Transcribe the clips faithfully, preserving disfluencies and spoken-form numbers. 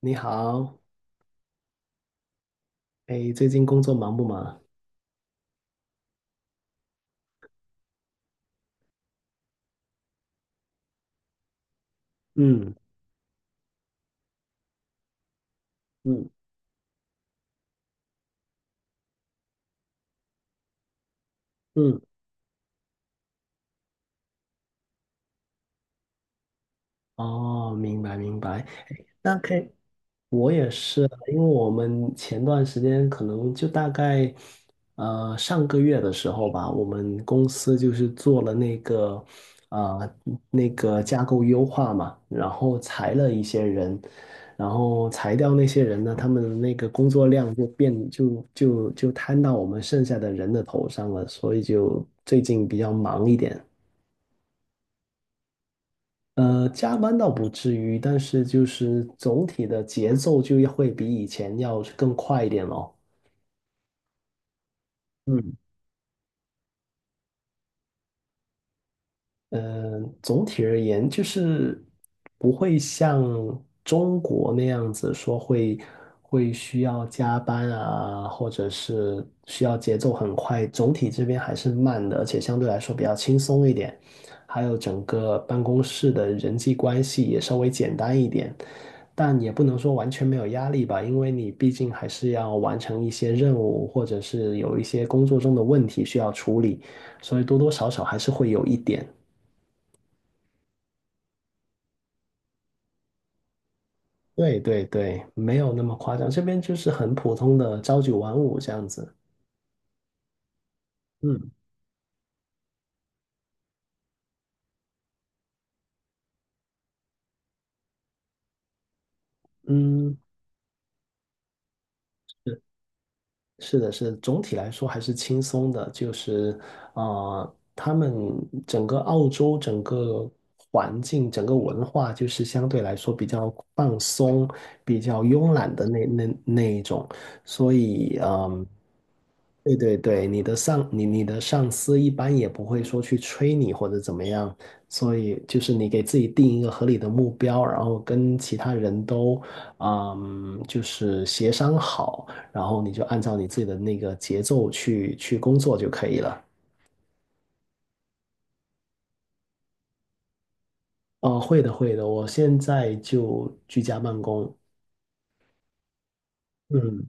你好，哎，最近工作忙不忙？嗯嗯嗯，哦，明白明白。那可以，我也是啊，因为我们前段时间可能就大概，呃，上个月的时候吧，我们公司就是做了那个，呃，那个架构优化嘛，然后裁了一些人，然后裁掉那些人呢，他们的那个工作量就变就就就摊到我们剩下的人的头上了，所以就最近比较忙一点。呃，加班倒不至于，但是就是总体的节奏就要会比以前要更快一点咯。嗯，嗯，总体而言，就是不会像中国那样子说会会需要加班啊，或者是需要节奏很快。总体这边还是慢的，而且相对来说比较轻松一点。还有整个办公室的人际关系也稍微简单一点，但也不能说完全没有压力吧，因为你毕竟还是要完成一些任务，或者是有一些工作中的问题需要处理，所以多多少少还是会有一点。对对对，没有那么夸张，这边就是很普通的朝九晚五这样子。嗯，嗯，是的，是的，总体来说还是轻松的，就是，呃，他们整个澳洲整个环境、整个文化，就是相对来说比较放松、比较慵懒的那那那一种，所以，嗯、对对对，你的上你你的上司一般也不会说去催你或者怎么样，所以就是你给自己定一个合理的目标，然后跟其他人都，嗯，就是协商好。然后你就按照你自己的那个节奏去去工作就可以了。哦，会的，会的，我现在就居家办公。嗯，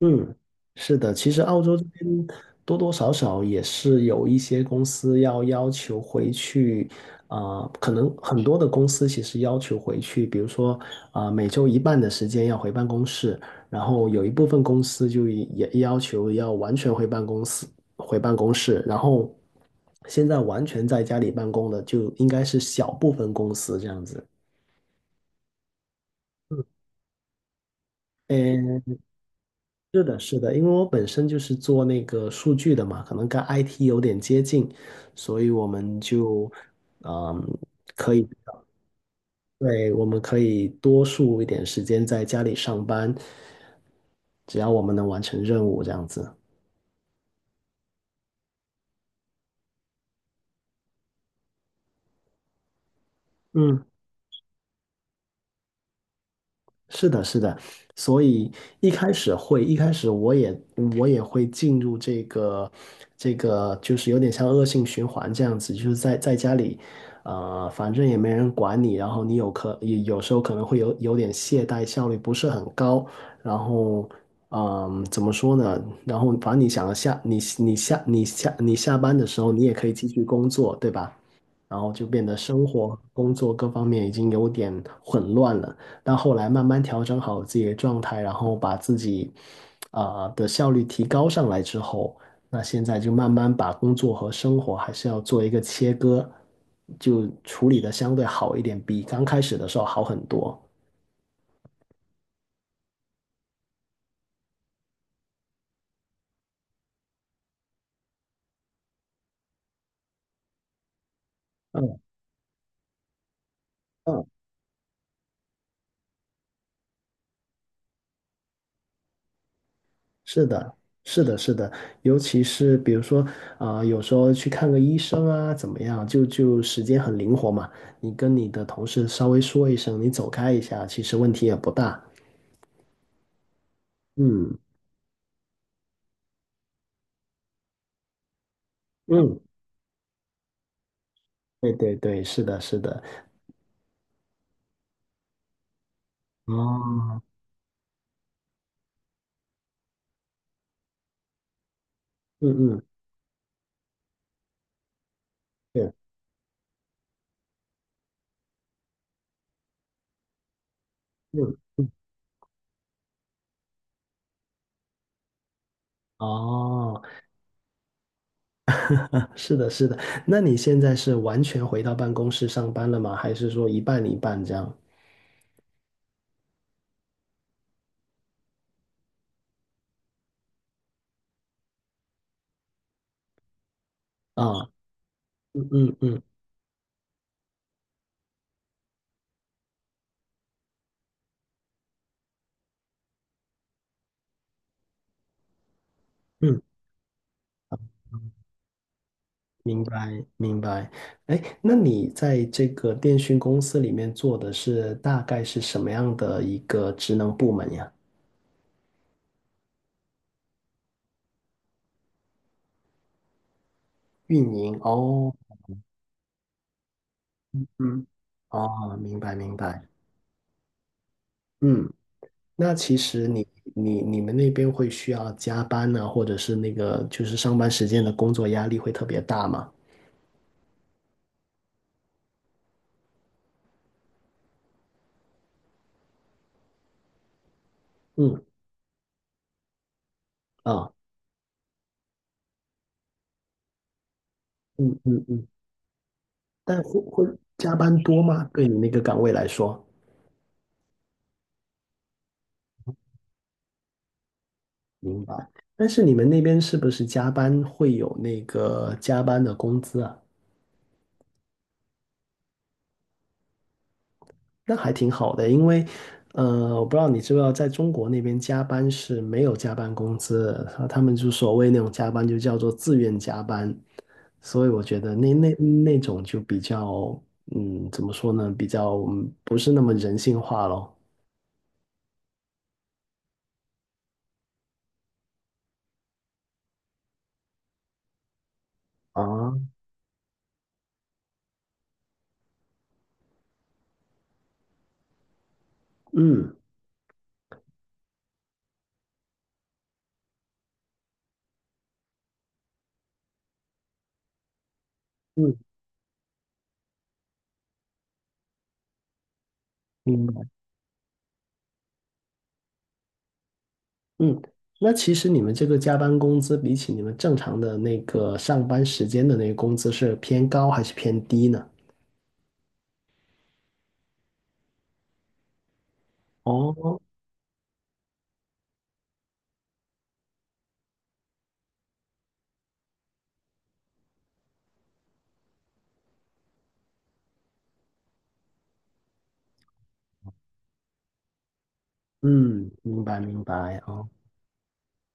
嗯，是的，其实澳洲这边多多少少也是有一些公司要要求回去，啊、可能很多的公司其实要求回去，比如说啊、每周一半的时间要回办公室，然后有一部分公司就也也要求要完全回办公室，回办公室，然后现在完全在家里办公的就应该是小部分公司这样子。是的，是的，因为我本身就是做那个数据的嘛，可能跟 I T 有点接近，所以我们就，嗯，可以，对，我们可以多数一点时间在家里上班，只要我们能完成任务这样子。嗯。是的，是的，所以一开始会，一开始我也我也会进入这个这个，就是有点像恶性循环这样子，就是在在家里，呃，反正也没人管你，然后你有可有有时候可能会有有点懈怠，效率不是很高，然后嗯，怎么说呢？然后反正你想要下你你下你下你下班的时候，你也可以继续工作，对吧？然后就变得生活、工作各方面已经有点混乱了。但后来慢慢调整好自己的状态，然后把自己啊、的效率提高上来之后，那现在就慢慢把工作和生活还是要做一个切割，就处理的相对好一点，比刚开始的时候好很多。嗯嗯，是的，是的，是的，尤其是比如说，啊、有时候去看个医生啊，怎么样，就就时间很灵活嘛。你跟你的同事稍微说一声，你走开一下，其实问题也不大。嗯嗯，对对对，是的，是的。哦，嗯嗯，对，嗯，哦，是的，是的。那你现在是完全回到办公室上班了吗？还是说一半一半这样？啊，嗯嗯嗯嗯明白，明白。哎，那你在这个电讯公司里面做的是大概是什么样的一个职能部门呀？运营哦，嗯，哦，明白，明白。嗯，那其实你你你们那边会需要加班呢，或者是那个就是上班时间的工作压力会特别大吗？嗯啊，嗯嗯嗯，但会会加班多吗？对你那个岗位来说？明白。但是你们那边是不是加班会有那个加班的工资啊？那还挺好的，因为，呃，我不知道你知不知道，在中国那边加班是没有加班工资的，然后他们就所谓那种加班就叫做自愿加班，所以我觉得那那那种就比较，嗯，怎么说呢，比较嗯不是那么人性化咯。啊，嗯嗯，嗯。嗯，那其实你们这个加班工资比起你们正常的那个上班时间的那个工资是偏高还是偏低呢？哦，嗯，明白明白哦，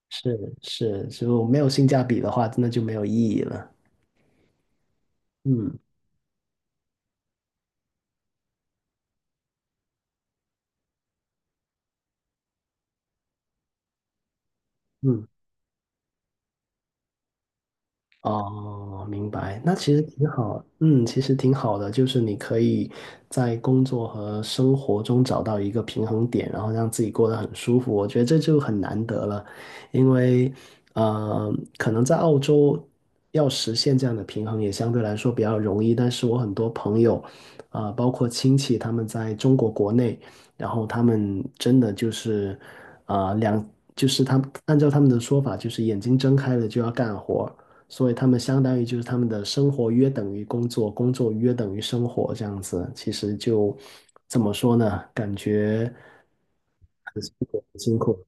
是是，就没有性价比的话，那就没有意义了。嗯嗯。哦，明白。那其实挺好，嗯，其实挺好的，就是你可以在工作和生活中找到一个平衡点，然后让自己过得很舒服。我觉得这就很难得了，因为呃，可能在澳洲要实现这样的平衡也相对来说比较容易，但是我很多朋友啊、呃包括亲戚，他们在中国国内，然后他们真的就是啊、呃两。就是他们按照他们的说法，就是眼睛睁开了就要干活，所以他们相当于就是他们的生活约等于工作，工作约等于生活这样子。其实就怎么说呢？感觉很辛苦，很辛苦。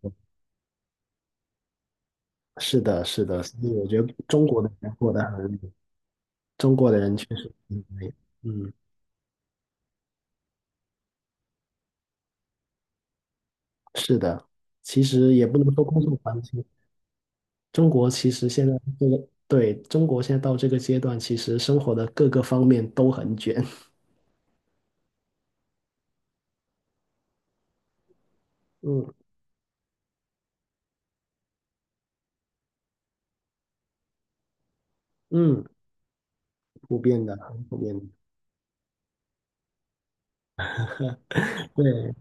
是的，是的，所以我觉得中国的人过得很，中国的人确实很累。嗯，是，其实也不能说工作环境，中国其实现在这个，对，中国现在到这个阶段，其实生活的各个方面都很卷。嗯嗯，普遍的，很普遍的。对，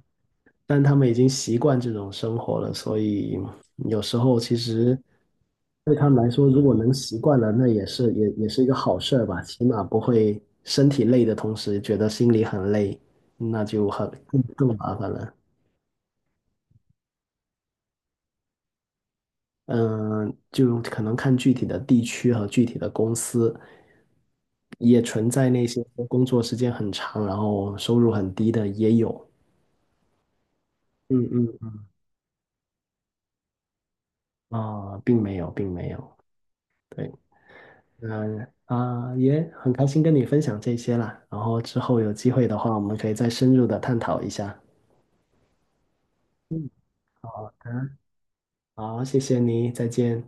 但他们已经习惯这种生活了，所以有时候其实对他们来说，如果能习惯了，那也是也也是一个好事儿吧，起码不会身体累的同时觉得心里很累，那就很更更麻烦了。嗯，就可能看具体的地区和具体的公司，也存在那些工作时间很长，然后收入很低的也有。嗯嗯，啊，并没有，并没有。嗯啊，也很开心跟你分享这些啦。然后之后有机会的话，我们可以再深入的探讨一下。嗯，好，谢谢你，再见。